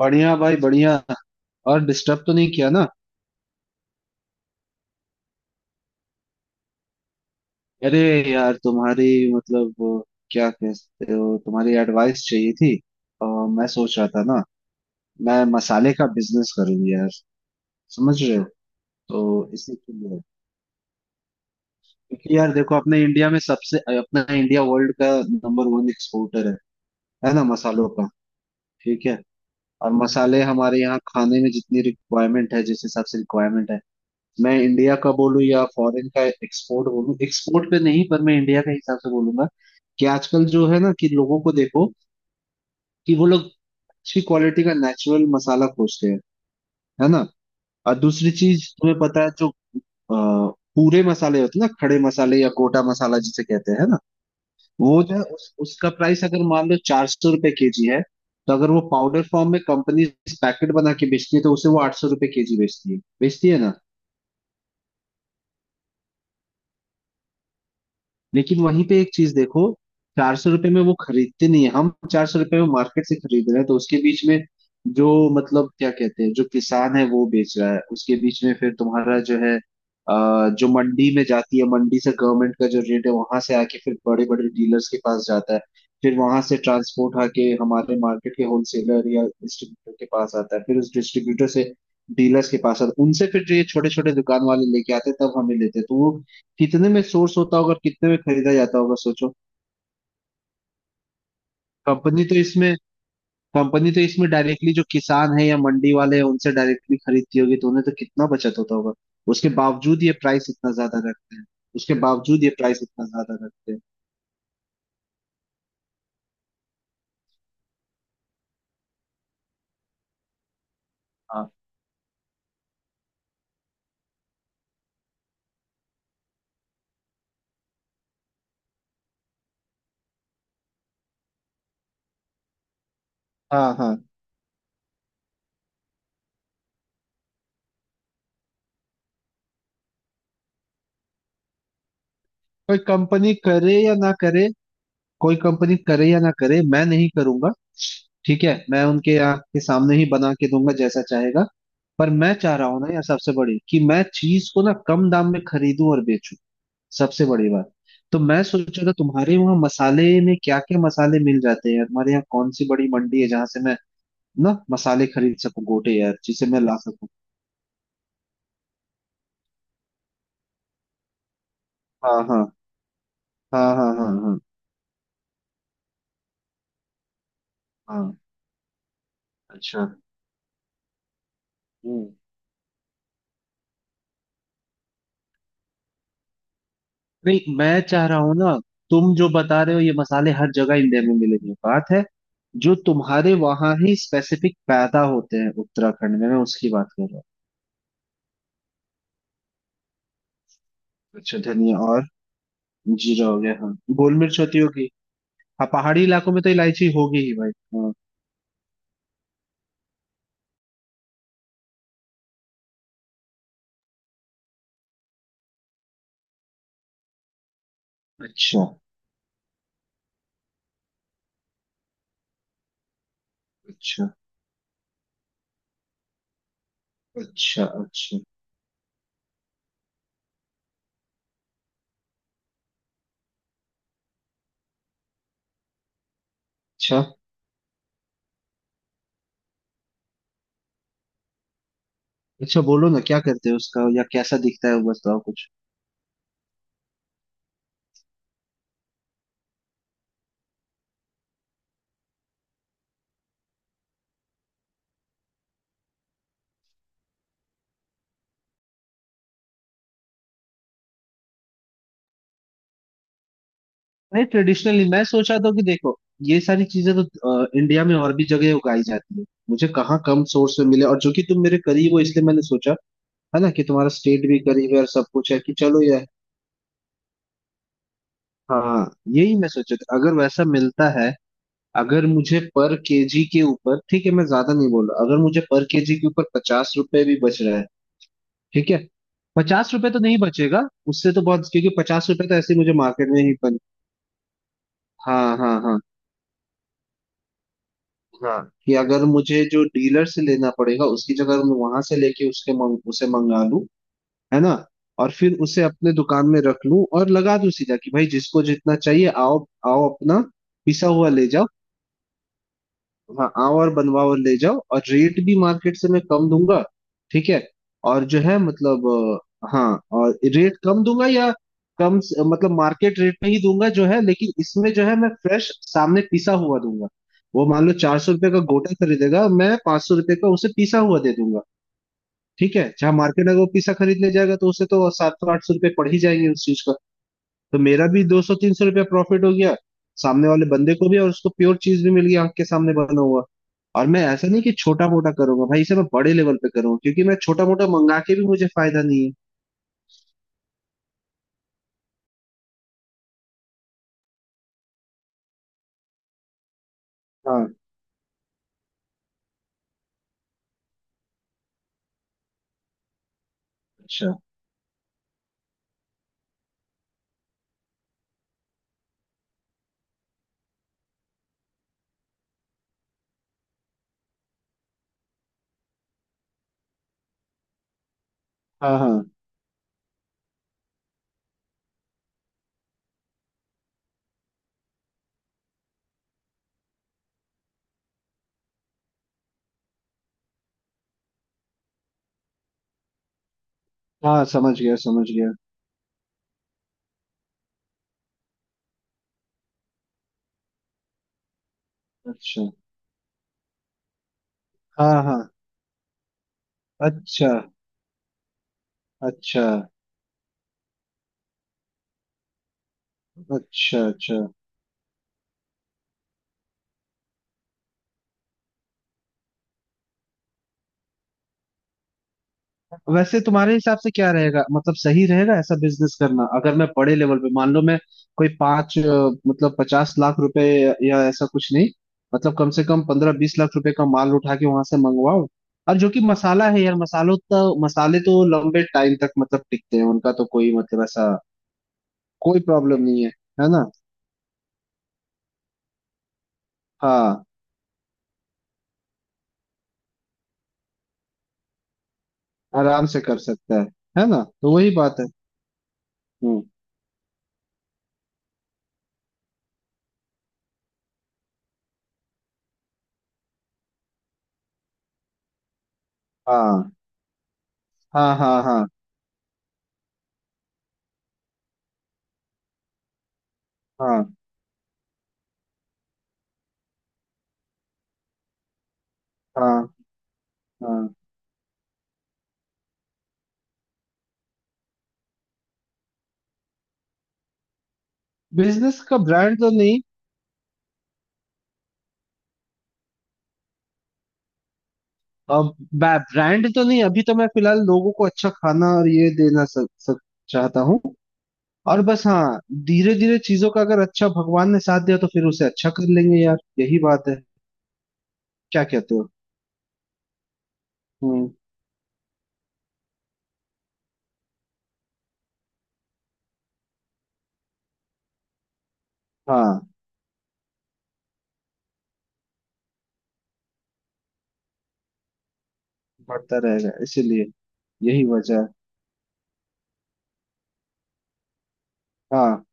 बढ़िया भाई, बढ़िया। और डिस्टर्ब तो नहीं किया ना? अरे यार, तुम्हारी मतलब क्या कहते हो, तुम्हारी एडवाइस चाहिए थी। और मैं सोच रहा था ना, मैं मसाले का बिजनेस करूँ यार, समझ रहे हो। तो इसी के लिए, क्योंकि यार देखो, अपने इंडिया में सबसे अपना इंडिया वर्ल्ड का नंबर 1 एक्सपोर्टर है ना, मसालों का। ठीक है। और मसाले हमारे यहाँ खाने में जितनी रिक्वायरमेंट है, जिस हिसाब से रिक्वायरमेंट है, मैं इंडिया का बोलूं या फॉरेन का एक्सपोर्ट बोलूं, एक्सपोर्ट पे नहीं, पर मैं इंडिया के हिसाब से बोलूंगा कि आजकल जो है ना, कि लोगों को देखो कि वो लोग अच्छी क्वालिटी का नेचुरल मसाला खोजते हैं, है ना। और दूसरी चीज तुम्हें पता है, जो अ, पूरे मसाले होते हैं ना, खड़े मसाले या गोटा मसाला जिसे कहते हैं, है ना। वो जो है उसका प्राइस अगर मान लो 400 रुपए/केजी है, तो अगर वो पाउडर फॉर्म में कंपनी पैकेट बना के बेचती है तो उसे वो 800 रुपए/केजी बेचती है, बेचती है ना। लेकिन वहीं पे एक चीज देखो, 400 रुपये में वो खरीदते नहीं है, हम 400 रुपये में मार्केट से खरीद रहे हैं, तो उसके बीच में जो मतलब क्या कहते हैं, जो किसान है वो बेच रहा है, उसके बीच में फिर तुम्हारा जो है जो मंडी में जाती है, मंडी से गवर्नमेंट का जो रेट है वहां से आके फिर बड़े बड़े डीलर्स के पास जाता है, फिर वहां से ट्रांसपोर्ट आके हमारे मार्केट के होलसेलर या डिस्ट्रीब्यूटर के पास आता है, फिर उस डिस्ट्रीब्यूटर से डीलर्स के पास आता है, उनसे फिर ये छोटे छोटे दुकान वाले लेके आते हैं, तब हमें लेते हैं। तो वो कितने में सोर्स होता होगा और कितने में खरीदा जाता होगा, सोचो। कंपनी तो इसमें कंपनी तो इसमें डायरेक्टली जो किसान है या मंडी वाले हैं उनसे डायरेक्टली खरीदती होगी, तो उन्हें तो कितना बचत होता होगा। उसके बावजूद ये प्राइस इतना ज्यादा रखते हैं उसके बावजूद ये प्राइस इतना ज्यादा रखते हैं। हाँ, हाँ, हाँ। कोई कंपनी करे या ना करे कोई कंपनी करे या ना करे, मैं नहीं करूंगा। ठीक है, मैं उनके आंख के सामने ही बना के दूंगा, जैसा चाहेगा। पर मैं चाह रहा हूं ना यार, सबसे बड़ी कि मैं चीज को ना कम दाम में खरीदूं और बेचूं, सबसे बड़ी बात। तो मैं सोच रहा था, तुम्हारे वहां मसाले में क्या क्या मसाले मिल जाते हैं यार, हमारे यहाँ कौन सी बड़ी मंडी है जहां से मैं ना मसाले खरीद सकूं, गोटे यार, जिसे मैं ला सकूं। हाँ, हाँ, हाँ, हाँ, हाँ, हाँ, हाँ। अच्छा। हम्म। नहीं, मैं चाह रहा हूँ ना, तुम जो बता रहे हो ये मसाले हर जगह इंडिया में मिलेंगे, बात है जो तुम्हारे वहां ही स्पेसिफिक पैदा होते हैं, उत्तराखंड में, मैं उसकी बात कर रहा हूँ। अच्छा, धनिया और जीरा हो गया, हाँ। गोल मिर्च होती होगी। हाँ, पहाड़ी इलाकों में तो इलायची होगी ही भाई। हाँ। अच्छा, अच्छा, अच्छा, अच्छा, अच्छा। अच्छा बोलो ना, क्या करते हो उसका या कैसा दिखता है वो, बताओ कुछ। नहीं, ट्रेडिशनली मैं सोचा था कि देखो, ये सारी चीजें तो इंडिया में और भी जगह उगाई जाती है। मुझे कहाँ कम सोर्स में मिले, और जो कि तुम मेरे करीब हो, इसलिए मैंने सोचा, है ना, कि तुम्हारा स्टेट भी करीब है और सब कुछ है, कि चलो यार। हाँ, यही मैं सोचा था, अगर वैसा मिलता है। अगर मुझे पर केजी के ऊपर, ठीक है मैं ज्यादा नहीं बोल रहा, अगर मुझे पर केजी के ऊपर 50 रुपए भी बच रहा है, ठीक है। पचास रुपए तो नहीं बचेगा, उससे तो बहुत, क्योंकि 50 रुपए तो ऐसे ही मुझे मार्केट में ही बन। हाँ, हाँ, हाँ, हाँ। कि अगर मुझे जो डीलर से लेना पड़ेगा, उसकी जगह मैं वहां से लेके उसे मंगा लूं, है ना। और फिर उसे अपने दुकान में रख लूं और लगा दूं सीधा कि भाई जिसको जितना चाहिए आओ। आओ अपना पिसा हुआ ले जाओ। हाँ, आओ और बनवाओ और ले जाओ, और रेट भी मार्केट से मैं कम दूंगा, ठीक है। और जो है, मतलब हाँ, और रेट कम दूंगा, या मतलब मार्केट रेट में ही दूंगा जो है, लेकिन इसमें जो है मैं फ्रेश सामने पिसा हुआ दूंगा। वो मान लो 400 रुपये का गोटा खरीदेगा, मैं 500 रुपये का उसे पिसा हुआ दे दूंगा। ठीक है, जहाँ मार्केट में वो पिसा खरीदने जाएगा तो उसे तो 700-800 रुपये पड़ ही जाएंगे उस चीज का। तो मेरा भी 200-300 रुपया प्रॉफिट हो गया, सामने वाले बंदे को भी, और उसको प्योर चीज भी मिल गई, आंख के सामने बना हुआ। और मैं ऐसा नहीं कि छोटा मोटा करूंगा भाई, इसे मैं बड़े लेवल पे करूंगा, क्योंकि मैं छोटा मोटा मंगा के भी मुझे फायदा नहीं है। हाँ। अच्छा। हाँ, हाँ, हाँ। समझ गया, समझ गया। अच्छा। हाँ, हाँ। अच्छा, अच्छा, अच्छा, अच्छा। वैसे तुम्हारे हिसाब से क्या रहेगा, मतलब सही रहेगा ऐसा बिजनेस करना, अगर मैं बड़े लेवल पे, मान लो मैं कोई मतलब 50 लाख रुपए, या ऐसा कुछ नहीं, मतलब कम से कम 15-20 लाख रुपए का माल उठा के वहां से मंगवाओ। और जो कि मसाला है यार, मसालों, तो मसाले तो लंबे टाइम तक मतलब टिकते हैं, उनका तो कोई मतलब ऐसा कोई प्रॉब्लम नहीं है, है ना। हाँ, आराम से कर सकता है ना, तो वही बात है। हम्म। हाँ, हाँ, हाँ, हाँ, हाँ, हाँ, हाँ। बिजनेस का ब्रांड तो नहीं। अब, ब्रांड तो नहीं अभी तो मैं फिलहाल लोगों को अच्छा खाना और ये देना सक, सक, चाहता हूँ और बस। हाँ, धीरे धीरे चीजों का, अगर अच्छा भगवान ने साथ दिया तो फिर उसे अच्छा कर लेंगे यार, यही बात है। क्या कहते हो। हम्म। हाँ, बढ़ता रहेगा, इसीलिए यही वजह है। हाँ,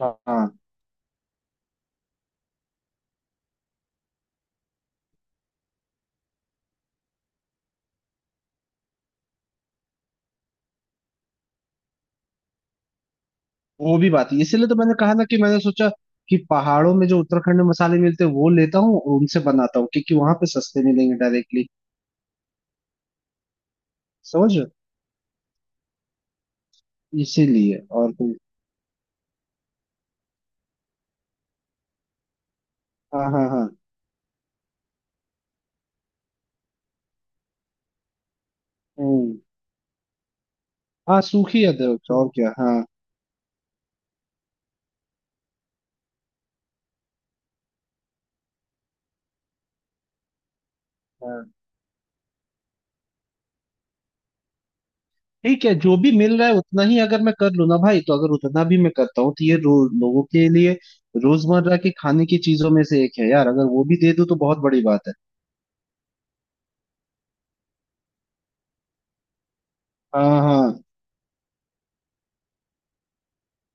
हाँ, हाँ। वो भी बात है, इसीलिए तो मैंने कहा ना कि मैंने सोचा कि पहाड़ों में जो उत्तराखंड में मसाले मिलते हैं वो लेता हूँ और उनसे बनाता हूँ, क्योंकि वहां पे सस्ते मिलेंगे डायरेक्टली। समझ रहे हो? इसीलिए। और कोई। हाँ, हाँ, हाँ। हम्म। हाँ, सूखी अदरक और क्या, हाँ। हाँ, ठीक है, जो भी मिल रहा है उतना ही अगर मैं कर लूँ ना भाई, तो अगर उतना भी मैं करता हूँ, तो ये लोगों के लिए रोजमर्रा के खाने की चीजों में से एक है यार, अगर वो भी दे दूँ तो बहुत बड़ी बात है। हाँ, हाँ,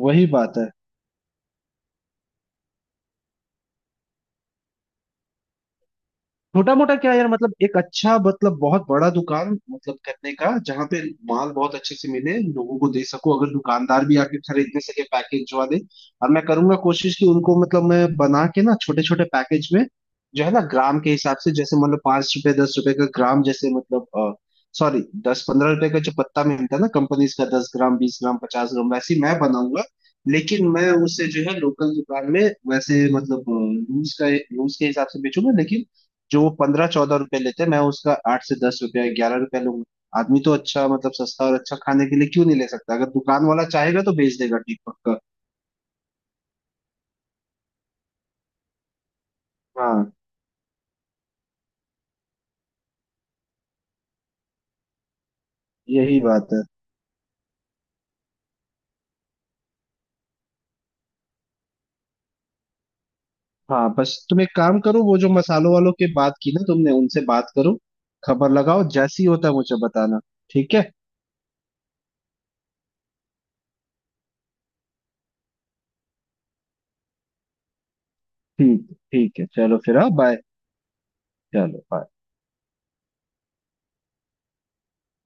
वही बात है। छोटा मोटा क्या यार, मतलब एक अच्छा, मतलब बहुत बड़ा दुकान मतलब करने का जहां पे माल बहुत अच्छे से मिले, लोगों को दे सको, अगर दुकानदार भी आके खरीदने सके पैकेज वाले। और मैं करूंगा कोशिश कि उनको, मतलब मैं बना के ना छोटे छोटे पैकेज में जो है ना, ग्राम के हिसाब से, जैसे मतलब 5 रुपए 10 रुपए का ग्राम, जैसे मतलब सॉरी 10-15 रुपए का जो पत्ता मिलता है ना कंपनीज का, 10 ग्राम 20 ग्राम 50 ग्राम, वैसे ही मैं बनाऊंगा। लेकिन मैं उसे जो है लोकल दुकान में वैसे, मतलब रूल्स के हिसाब से बेचूंगा, लेकिन जो वो 15-14 रुपए लेते हैं मैं उसका 8 से 10 रुपया 11 रुपया लूंगा। आदमी तो अच्छा, मतलब सस्ता और अच्छा खाने के लिए क्यों नहीं ले सकता, अगर दुकान वाला चाहेगा तो बेच देगा, ठीक, पक्का। हाँ, यही बात है। हाँ, बस तुम एक काम करो, वो जो मसालों वालों के बात की ना तुमने, उनसे बात करो, खबर लगाओ जैसी होता है मुझे बताना। ठीक है ठीक है ठीक है, चलो फिर। हाँ, बाय। चलो bye।